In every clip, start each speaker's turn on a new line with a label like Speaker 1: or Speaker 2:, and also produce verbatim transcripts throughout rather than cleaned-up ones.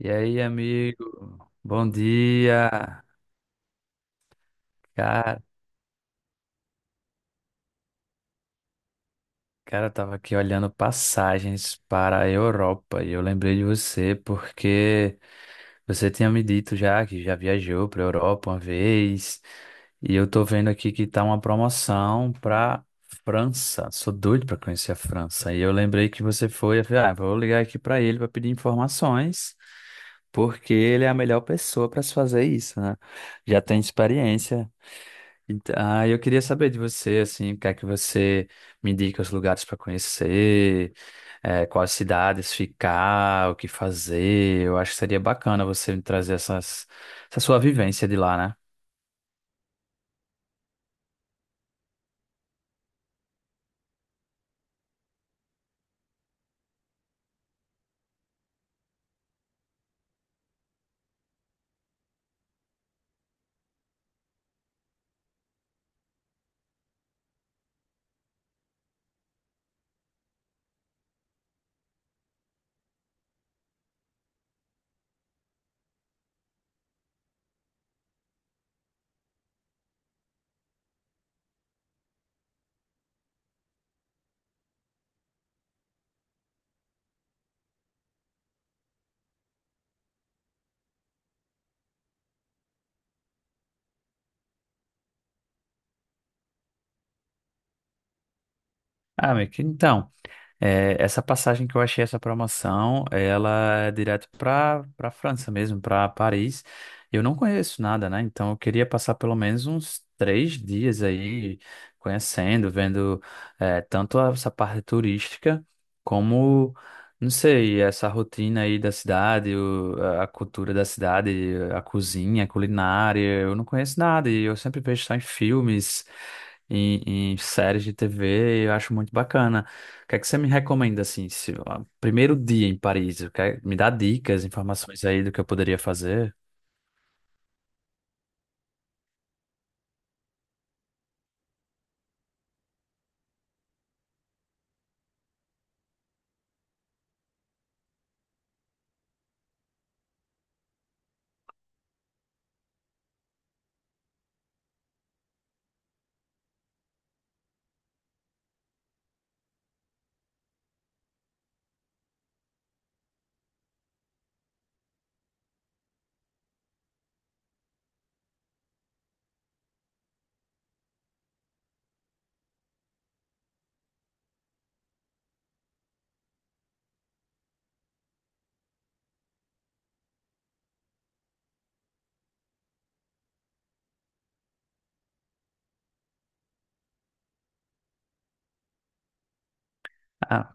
Speaker 1: E aí, amigo? Bom dia! Cara, cara, eu tava aqui olhando passagens para a Europa e eu lembrei de você porque você tinha me dito já que já viajou para a Europa uma vez e eu tô vendo aqui que tá uma promoção para França. Sou doido para conhecer a França e eu lembrei que você foi. Eu falei, ah, vou ligar aqui para ele para pedir informações porque ele é a melhor pessoa para se fazer isso, né? Já tem experiência. Então, ah, eu queria saber de você, assim, o que é que você me indica os lugares para conhecer, eh, quais cidades ficar, o que fazer. Eu acho que seria bacana você me trazer essas, essa sua vivência de lá, né? Ah, meio que então. É, essa passagem que eu achei, essa promoção, ela é direto para para França mesmo, para Paris. Eu não conheço nada, né? Então eu queria passar pelo menos uns três dias aí conhecendo, vendo é, tanto essa parte turística como, não sei, essa rotina aí da cidade, o- a cultura da cidade, a cozinha, a culinária. Eu não conheço nada e eu sempre vejo só em filmes, em, em séries de T V. e Eu acho muito bacana. O que é que você me recomenda, assim, se, ó, primeiro dia em Paris? O que é- me dá dicas, informações aí do que eu poderia fazer? Ah,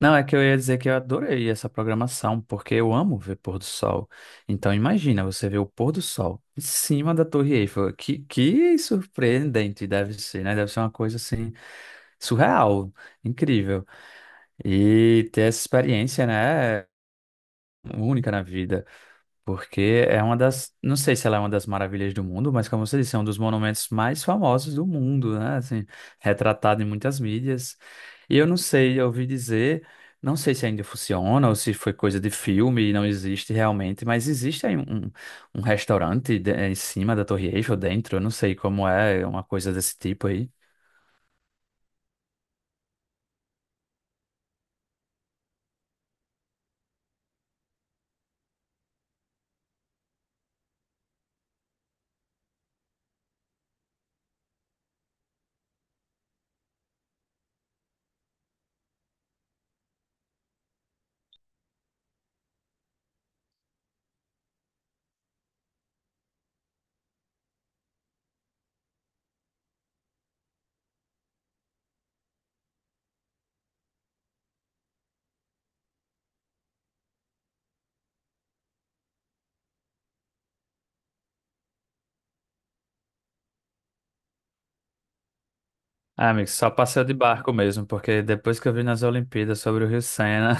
Speaker 1: não, é que eu ia dizer que eu adorei essa programação, porque eu amo ver pôr do sol. Então, imagina você ver o pôr do sol em cima da Torre Eiffel. Que, que surpreendente deve ser, né? Deve ser uma coisa, assim, surreal, incrível. E ter essa experiência, né? Única na vida. Porque é uma das, não sei se ela é uma das maravilhas do mundo, mas como você disse, é um dos monumentos mais famosos do mundo, né? Assim, retratado em muitas mídias. E eu não sei, eu ouvi dizer, não sei se ainda funciona ou se foi coisa de filme e não existe realmente, mas existe aí um, um restaurante de- em cima da Torre Eiffel, dentro, eu não sei como é, uma coisa desse tipo aí. Ah, amigo, só passeio de barco mesmo, porque depois que eu vi nas Olimpíadas sobre o Rio Sena,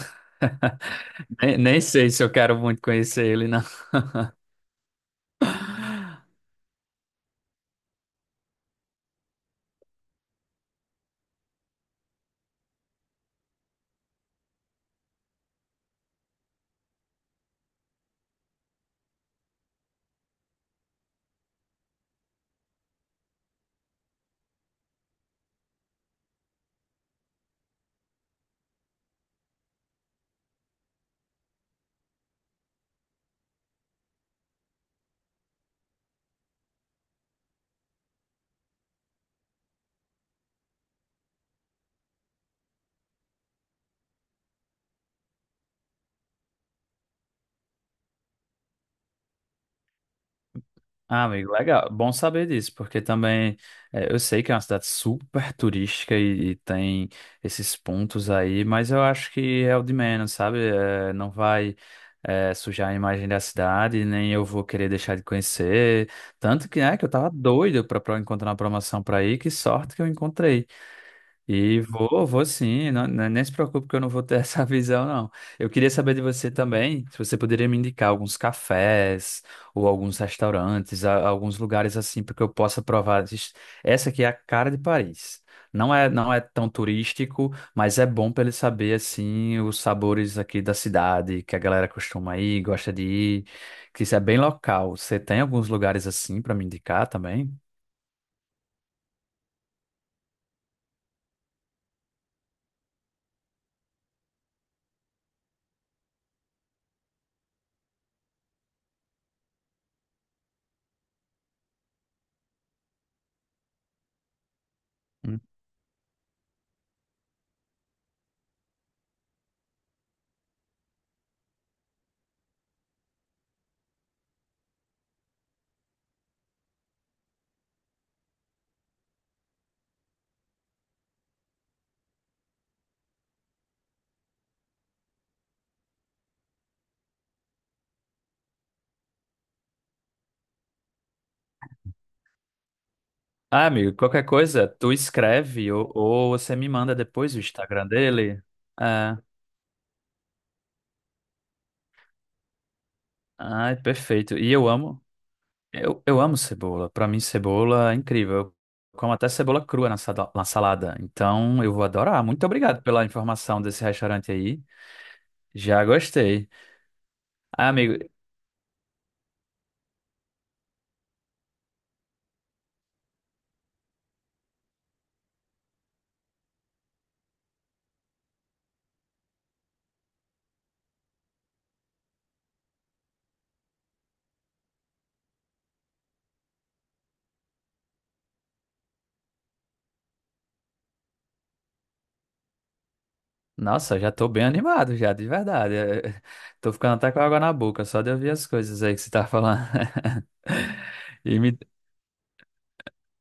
Speaker 1: nem, nem sei se eu quero muito conhecer ele, não. Ah, amigo, legal. Bom saber disso, porque também eh, eu sei que é uma cidade super turística e, e tem esses pontos aí, mas eu acho que é o de menos, sabe? Eh, não vai eh, sujar a imagem da cidade, nem eu vou querer deixar de conhecer. Tanto que, né, que eu tava doido pra, pra encontrar uma promoção pra ir, que sorte que eu encontrei. E vou, vou sim, não, não- nem se preocupe que eu não vou ter essa visão, não. Eu queria saber de você também, se você poderia me indicar alguns cafés ou alguns restaurantes, a- alguns lugares assim, para que eu possa provar. Diz- Essa aqui é a cara de Paris. Não é, não é tão turístico, mas é bom para ele saber assim os sabores aqui da cidade, que a galera costuma ir, gosta de ir, que isso é bem local. Você tem alguns lugares assim para me indicar também? Ah, amigo, qualquer coisa, tu escreve ou, ou você me manda depois o Instagram dele. Ah, ai, perfeito. E eu amo, eu, eu amo cebola. Pra mim, cebola é incrível. Eu como até cebola crua na, sada- na salada. Então, eu vou adorar. Muito obrigado pela informação desse restaurante aí. Já gostei. Ah, amigo, nossa, já tô bem animado já, de verdade. Eh, tô ficando até com água na boca, só de ouvir as coisas aí que você tá falando. E me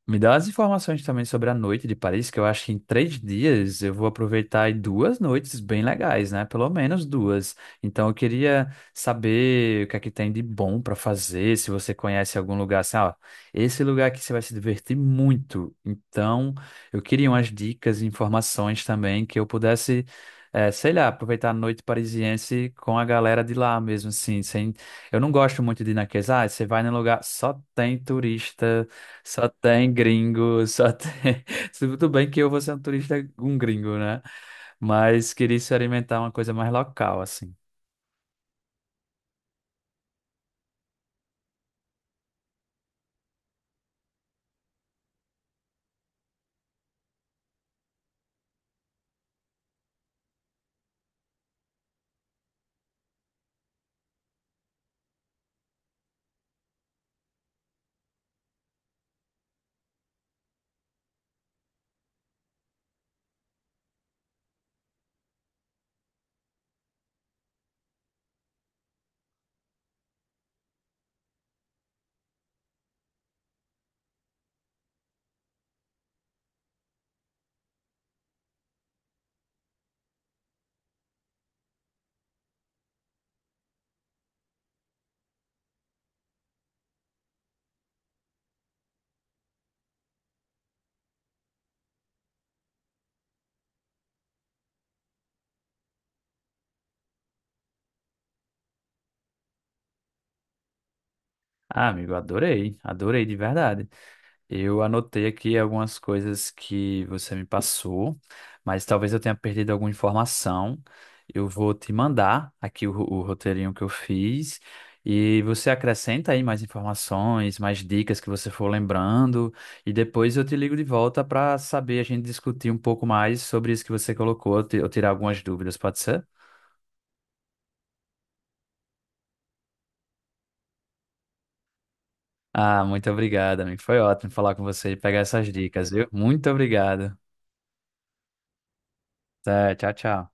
Speaker 1: Me dá as informações também sobre a noite de Paris, que eu acho que em três dias eu vou aproveitar aí duas noites bem legais, né? Pelo menos duas. Então eu queria saber o que é que tem de bom para fazer, se você conhece algum lugar assim, ó, esse lugar aqui você vai se divertir muito. Então eu queria umas dicas e informações também que eu pudesse, eh, sei lá, aproveitar a noite parisiense com a galera de lá mesmo, assim, sem... Eu não gosto muito de ir naqueles, ah, você vai num lugar, só tem turista só tem gringo, só tem. Tudo bem que eu vou ser um turista, um gringo, né? Mas queria experimentar uma coisa mais local, assim. Ah, amigo, adorei, adorei de verdade. Eu anotei aqui algumas coisas que você me passou, mas talvez eu tenha perdido alguma informação. Eu vou te mandar aqui o, ro- o roteirinho que eu fiz e você acrescenta aí mais informações, mais dicas que você for lembrando e depois eu te ligo de volta para saber a gente discutir um pouco mais sobre isso que você colocou, eu ti- eu tirar algumas dúvidas, pode ser? Ah, muito obrigado, amigo. Foi ótimo falar com você e pegar essas dicas, viu? Muito obrigado. Tá, tchau, tchau.